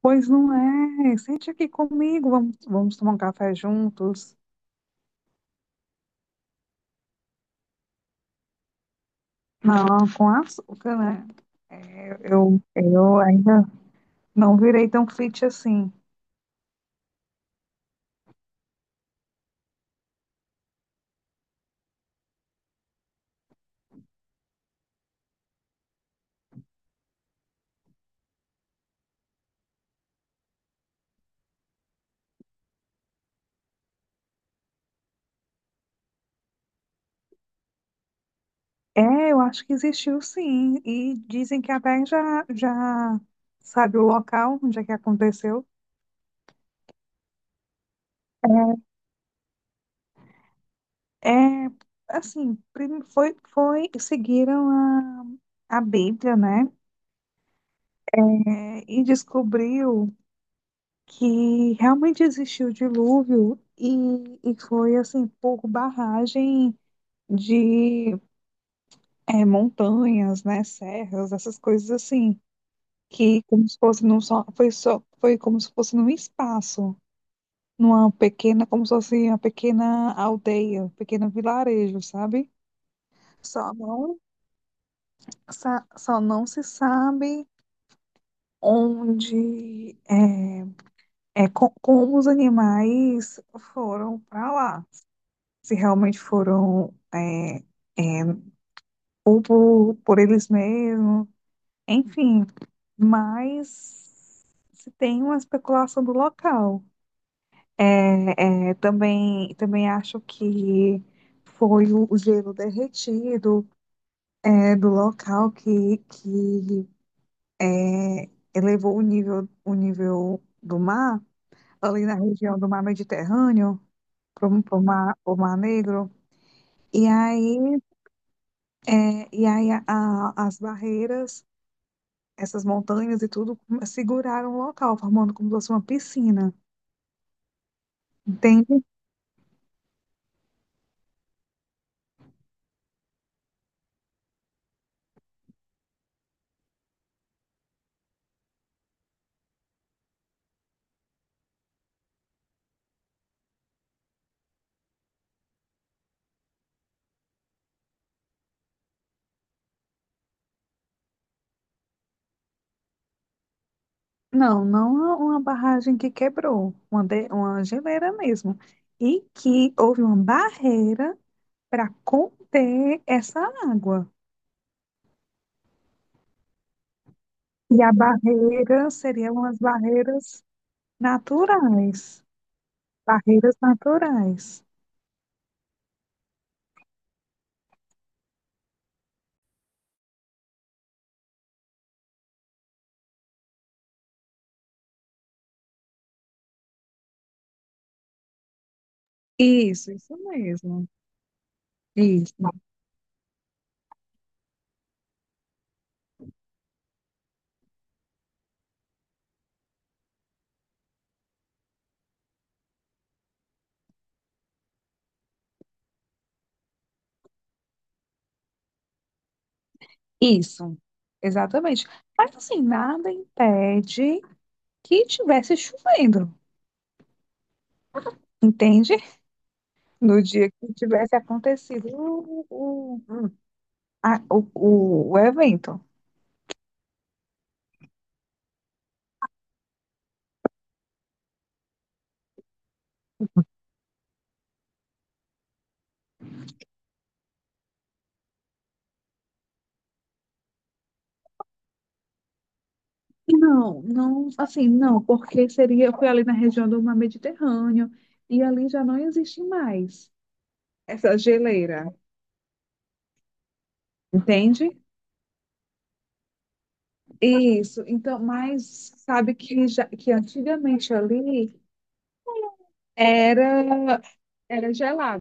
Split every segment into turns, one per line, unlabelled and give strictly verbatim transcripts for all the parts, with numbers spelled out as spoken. Pois não é. Sente aqui comigo, vamos, vamos tomar um café juntos. Não, com açúcar, né? É, eu, eu ainda não virei tão fit assim. É, eu acho que existiu sim. E dizem que até já, já sabe o local onde é que aconteceu. É, assim, prim- foi, foi, seguiram a, a Bíblia, né? É, e descobriu que realmente existiu dilúvio e, e foi assim por barragem de é, montanhas, né, serras, essas coisas assim, que como se fosse num só, foi só, foi como se fosse num espaço, numa pequena, como se fosse uma pequena aldeia, um pequeno vilarejo, sabe? Só não, sa- só não se sabe onde é, é co- como os animais foram para lá, se realmente foram é, é, ou por, por eles mesmos, enfim, mas se tem uma especulação do local. É, é, também, também acho que foi o o gelo derretido é, do local que, que é, elevou o nível, o nível do mar, ali na região do mar Mediterrâneo, para o mar, pro mar Negro. E aí, é, e aí a- a- as barreiras, essas montanhas e tudo, hum, seguraram o local, formando como se fosse uma piscina. Entende? Não, não uma uma barragem que quebrou, uma, de- uma geleira mesmo. E que houve uma barreira para conter essa água. E a barreira seriam as barreiras naturais. Barreiras naturais. Isso, isso mesmo. Isso, isso. Exatamente. Mas assim, nada impede que tivesse chovendo, entende? No dia que tivesse acontecido o, o, a- o, o- o evento. Não, não, assim, não, porque seria, foi ali na região do Mar Mediterrâneo e ali já não existe mais essa geleira, entende? Isso, então, mas sabe que, já, que antigamente ali era, era gelado.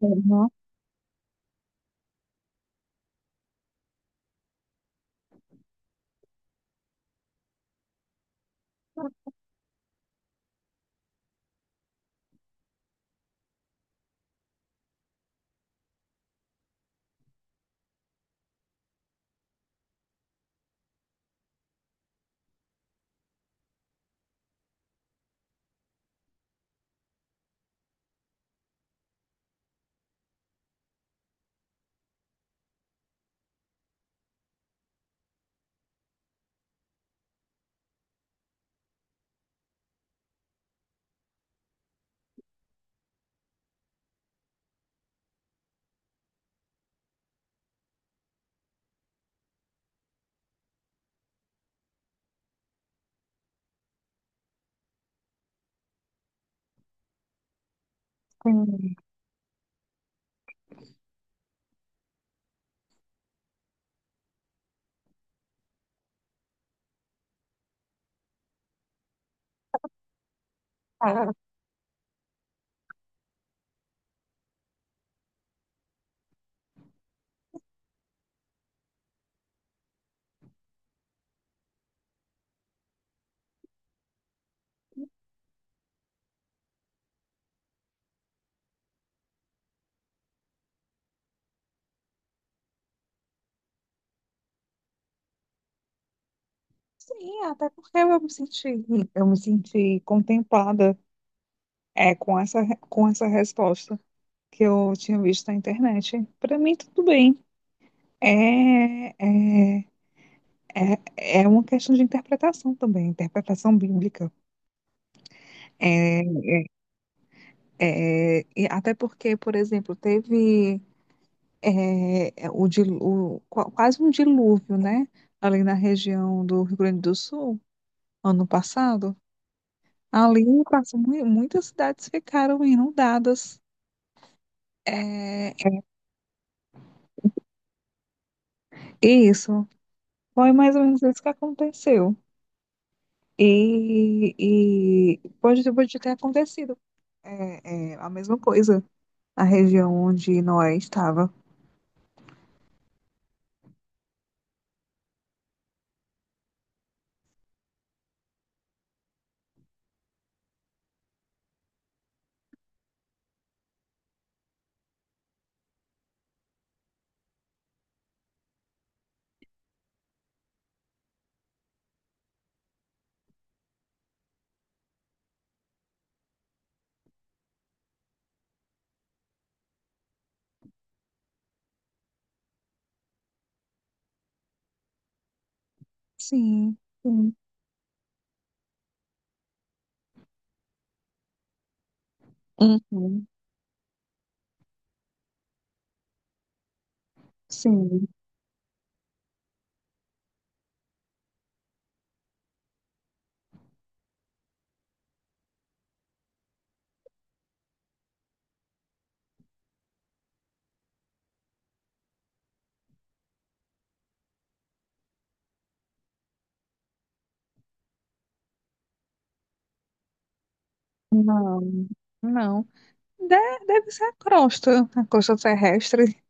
Uhum, sim. Ah, sim, até porque eu me senti, eu me senti contemplada É com essa, com essa resposta que eu tinha visto na internet. Para mim, tudo bem. É, é, é, é uma questão de interpretação também, interpretação bíblica. É, é, e até porque, por exemplo, teve é, é, o, dilu- o- qua- quase um dilúvio, né? Ali na região do Rio Grande do Sul, ano passado. Ali, quase mu- muitas cidades ficaram inundadas. É, é isso, foi mais ou menos isso que aconteceu. E, e pode, pode ter acontecido é, é, a mesma coisa na região onde Noé estava. Sim, sim, uhum, sim, não, não. De- deve ser a crosta, a crosta terrestre.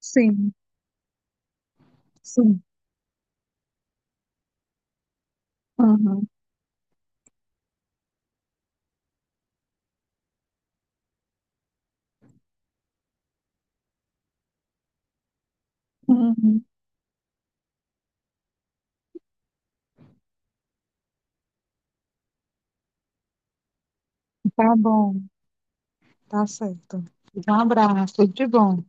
Sim, sim, uhum, uhum. Tá bom, tá certo. Um abraço, tudo de bom.